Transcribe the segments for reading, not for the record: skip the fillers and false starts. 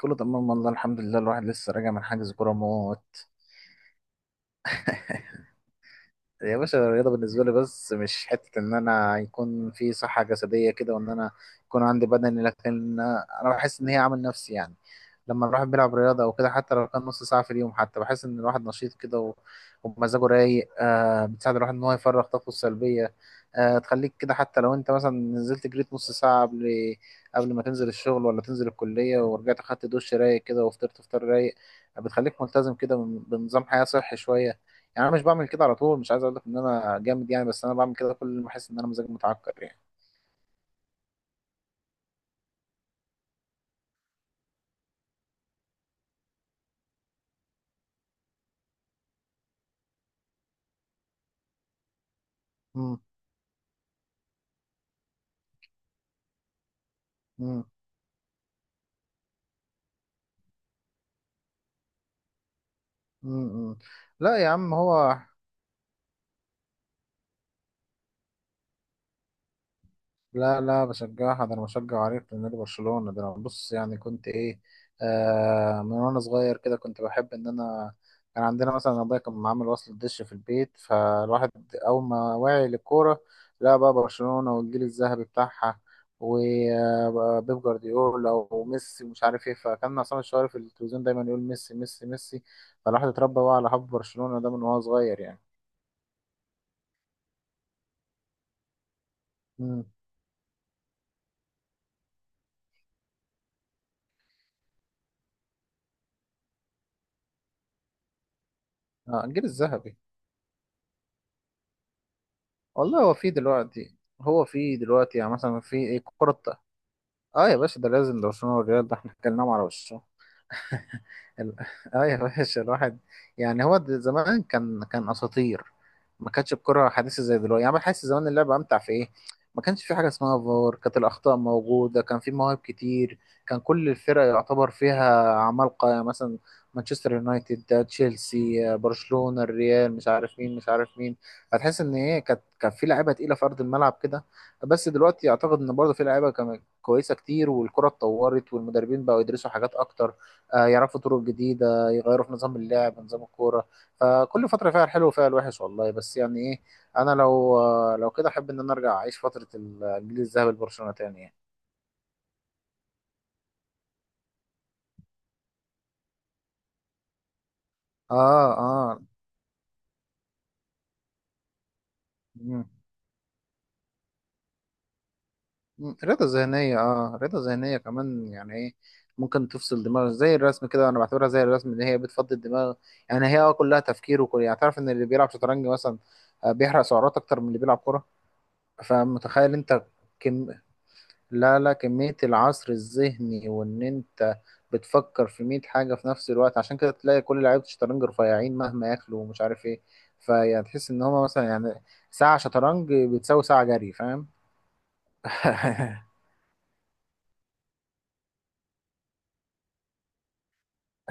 كله تمام، والله الحمد لله. الواحد لسه راجع من حجز كورة موت. يا باشا، الرياضة بالنسبة لي بس مش حتة إن أنا يكون في صحة جسدية كده وإن أنا يكون عندي بدني، لكن أنا بحس إن هي عامل نفسي يعني. لما الواحد بيلعب رياضة أو كده، حتى لو كان نص ساعة في اليوم، حتى بحس إن الواحد نشيط كده ومزاجه رايق. بتساعد الواحد إن هو يفرغ طاقته السلبية. تخليك كده، حتى لو أنت مثلا نزلت جريت نص ساعة قبل ما تنزل الشغل ولا تنزل الكلية، ورجعت أخدت دش رايق كده وفطرت فطار رايق. بتخليك ملتزم كده بنظام حياة صحي شوية. يعني انا مش بعمل كده على طول. مش عايز اقول لك ان انا جامد يعني، بس انا بعمل كده كل ما احس ان انا مزاجي متعكر يعني. مم. مم. مم. مم. لا يا عم، هو. لا، لا، بشجعها. ده انا بشجع عريق لنادي برشلونة. ده انا بص يعني كنت ايه. آه، من وانا صغير كده كنت بحب ان انا كان عندنا مثلا ابويا كان عامل وصل دش في البيت، فالواحد اول ما وعي للكورة، لا بقى، برشلونة والجيل الذهبي بتاعها، وبيب جوارديولا وميسي ومش عارف ايه، فكان عصام الشوالي في التلفزيون دايما يقول ميسي ميسي ميسي. فالواحد اتربى بقى على حب برشلونة ده من وهو صغير يعني. امم. آه، الجيل الذهبي. والله هو في دلوقتي يعني مثلا في ايه كرة. اه يا باشا، ده لازم، ده برشلونة والريال، ده احنا اتكلمنا على وشه. ال- اه يا باشا، الواحد يعني هو زمان كان اساطير. ما كانتش الكرة حديثة زي دلوقتي، يعني بحس زمان اللعبة امتع في ايه. ما كانش في حاجة اسمها فار، كانت الاخطاء موجودة، كان في مواهب كتير. كان كل الفرق يعتبر فيها عمالقة، يعني مثلا مانشستر يونايتد، ده تشيلسي، برشلونة، الريال، مش عارف مين مش عارف مين. هتحس ان ايه، كان في لعيبة تقيلة في ارض الملعب كده. بس دلوقتي اعتقد ان برضه في لعيبة كمان كويسة كتير، والكرة اتطورت، والمدربين بقوا يدرسوا حاجات اكتر. يعرفوا طرق جديدة، يغيروا في نظام اللعب، نظام الكورة. فكل فترة فيها الحلو وفيها الوحش والله، بس يعني ايه، انا لو كده احب ان انا ارجع اعيش فترة الجيل الذهبي لبرشلونة تاني يعني. اه، اه. مم. مم. رضا ذهنية كمان، يعني ايه. ممكن تفصل دماغ زي الرسم كده، انا بعتبرها زي الرسم ان هي بتفضي الدماغ. يعني هي كلها تفكير، وكل يعني تعرف ان اللي بيلعب شطرنج مثلا، بيحرق سعرات اكتر من اللي بيلعب كورة. فمتخيل انت؟ لا، لا، كمية العصر الذهني، وان انت بتفكر في 100 حاجة في نفس الوقت، عشان كده تلاقي كل لعيبة الشطرنج رفيعين مهما ياكلوا ومش عارف ايه. فيعني تحس ان هما مثلا يعني ساعة شطرنج بتساوي ساعة جري، فاهم؟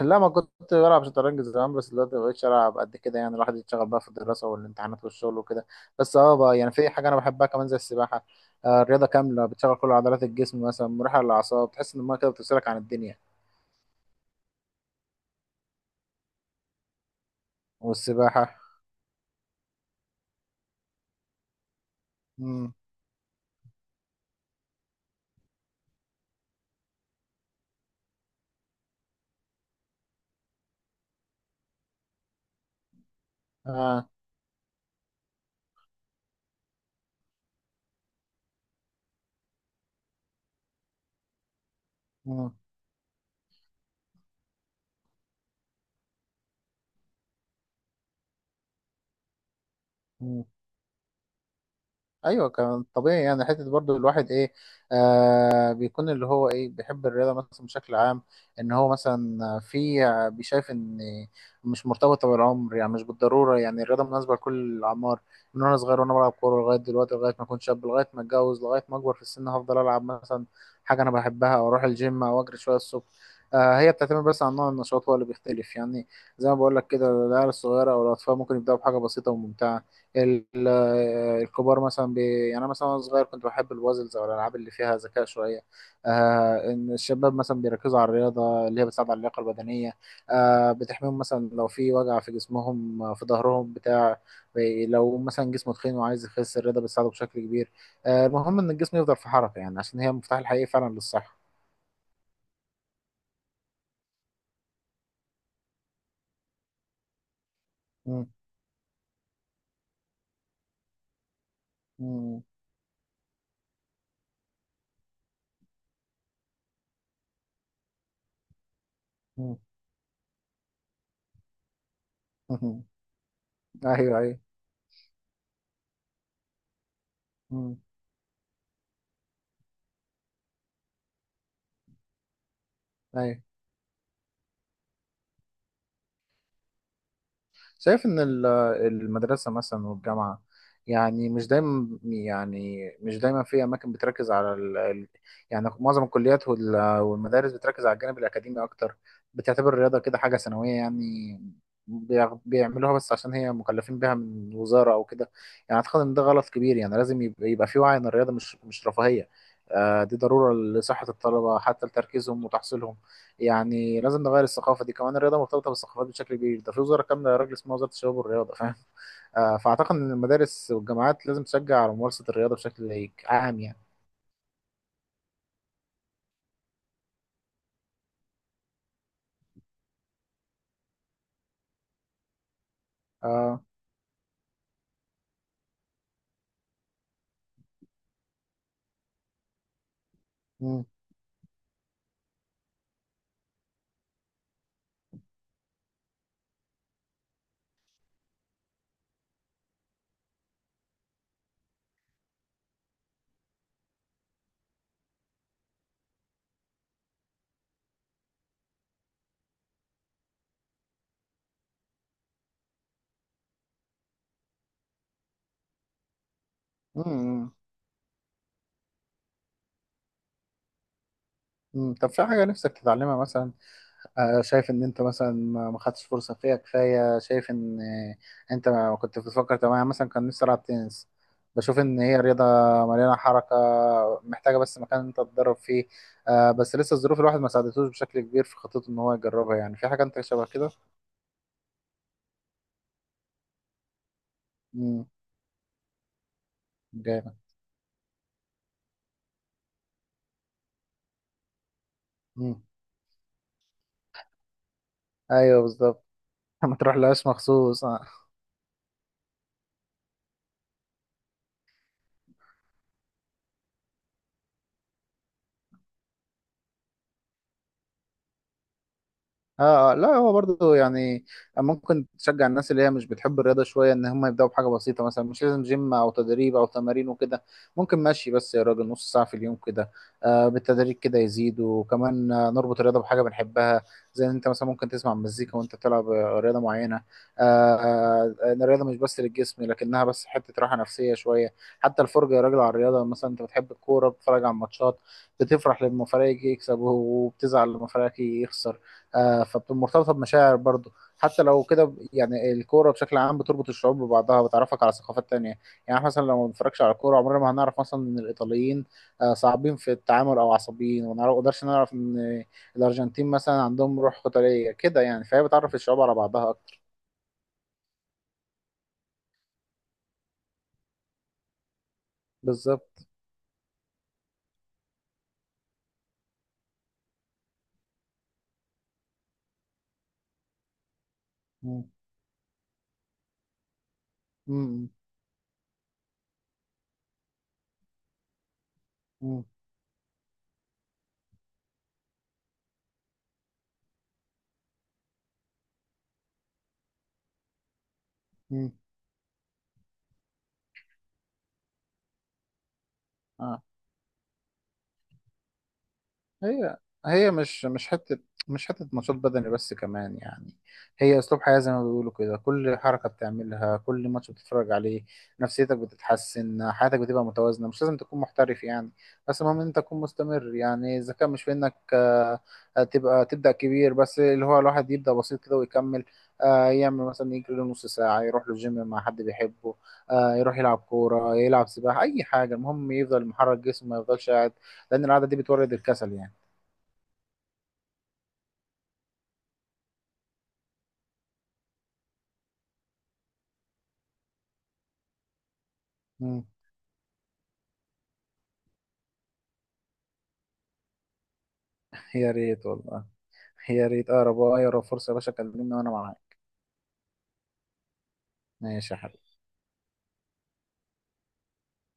لا، ما كنت بلعب شطرنج زمان، بس دلوقتي ما بقتش العب قد كده، يعني الواحد يتشغل بقى في الدراسة والامتحانات والشغل وكده. بس اه بقى، يعني في حاجة انا بحبها كمان زي السباحة. الرياضة كاملة بتشغل كل عضلات الجسم، مثلا مريحة للأعصاب، تحس ان المية كده بتفصلك عن الدنيا. والسباحة. امم. مم. مم. ايوه، كان طبيعي يعني، حته برضو الواحد ايه، بيكون اللي هو ايه، بيحب الرياضه مثلا بشكل عام، ان هو مثلا في بيشايف ان مش مرتبطه بالعمر، يعني مش بالضروره، يعني الرياضه مناسبه لكل الاعمار. من وانا صغير وانا بلعب كوره لغايه دلوقتي، لغايه ما اكون شاب، لغايه ما اتجوز، لغايه ما اكبر في السن، هفضل العب مثلا حاجه انا بحبها، او اروح الجيم، او اجري شويه الصبح. هي بتعتمد بس على نوع النشاط هو اللي بيختلف يعني. زي ما بقول لك كده، العيال الصغيره او الاطفال ممكن يبداوا بحاجه بسيطه وممتعه. الكبار مثلا يعني انا مثلا وانا صغير كنت بحب البازلز او الالعاب اللي فيها ذكاء شويه. ان الشباب مثلا بيركزوا على الرياضه اللي هي بتساعد على اللياقه البدنيه. بتحميهم مثلا لو في وجع في جسمهم، في ظهرهم بتاع، لو مثلا جسمه تخين وعايز يخس، الرياضه بتساعده بشكل كبير. المهم ان الجسم يفضل في حركه يعني، عشان هي المفتاح الحقيقي فعلا للصحه. مم. مم. مم. ايوه، ايوه. مم. ايوه، شايف إن المدرسة مثلا والجامعة، يعني مش دايما في أماكن بتركز على يعني معظم الكليات والمدارس بتركز على الجانب الأكاديمي أكتر. بتعتبر الرياضة كده حاجة ثانوية يعني. بيعملوها بس عشان هي مكلفين بيها من وزارة أو كده. يعني أعتقد إن ده غلط كبير، يعني لازم يبقى في وعي إن الرياضة مش رفاهية. دي ضرورة لصحة الطلبة حتى لتركيزهم وتحصيلهم. يعني لازم نغير الثقافه دي كمان، الرياضه مرتبطه بالثقافات بشكل كبير، ده في وزاره كامله يا راجل اسمها وزاره الشباب والرياضه، فاهم؟ فاعتقد ان المدارس والجامعات لازم تشجع على ممارسه الرياضه بشكل عام يعني. اه. مم. مم. مم. طب في حاجه نفسك تتعلمها مثلا؟ شايف ان انت مثلا ما خدتش فرصه فيها كفايه، شايف ان انت ما كنت بتفكر، طب انا مثلا كان نفسي العب تنس. بشوف ان هي رياضه مليانه حركه، محتاجه بس مكان انت تتدرب فيه. بس لسه الظروف الواحد ما ساعدتوش بشكل كبير في خطته ان هو يجربها، يعني في حاجه انت شبه كده؟ امم. جامد. امم. ايوه، بالظبط. ما تروح لهاش مخصوص. اه. لا هو برضه يعني، ممكن تشجع الناس اللي هي مش بتحب الرياضه شويه ان هم يبداوا بحاجه بسيطه، مثلا مش لازم جيم او تدريب او تمارين وكده. ممكن ماشي، بس يا راجل نص ساعه في اليوم كده. بالتدريج كده يزيد، وكمان نربط الرياضه بحاجه بنحبها. زي ان انت مثلا ممكن تسمع مزيكا وانت بتلعب رياضه معينه. آه. ان الرياضه مش بس للجسم لكنها بس حته راحه نفسيه شويه. حتى الفرجه يا راجل على الرياضه، مثلا انت بتحب الكوره بتتفرج على الماتشات، بتفرح لما فريقك يكسب وبتزعل لما فريقك يخسر. فمرتبطه بمشاعر برضه. حتى لو كده يعني الكوره بشكل عام بتربط الشعوب ببعضها، بتعرفك على ثقافات تانية. يعني إحنا مثلا لو ما بنتفرجش على الكوره عمرنا ما هنعرف مثلا ان الايطاليين صعبين في التعامل او عصبيين، وما نقدرش نعرف ان الارجنتين مثلا عندهم روح قتاليه كده، يعني فهي بتعرف الشعوب على بعضها اكتر. بالظبط. مم. مم. مم. مم. آه. هي هي مش حتة نشاط بدني بس كمان يعني، هي أسلوب حياة زي ما بيقولوا كده، كل حركة بتعملها، كل ماتش بتتفرج عليه، نفسيتك بتتحسن، حياتك بتبقى متوازنة، مش لازم تكون محترف يعني. بس المهم إن أنت تكون مستمر، يعني إذا كان مش في إنك تبقى تبدأ كبير، بس اللي هو الواحد يبدأ بسيط كده ويكمل. يعمل مثلا يجري له نص ساعة، يروح له جيم مع حد بيحبه، يروح يلعب كورة، يلعب سباحة، أي حاجة، المهم يفضل محرك جسمه ما يفضلش قاعد. لأن القعدة دي بتورد الكسل يعني. مم. يا ريت والله، يا ريت اقرب فرصه، يا باشا كلمني وانا معاك. ماشي يا حبيبي.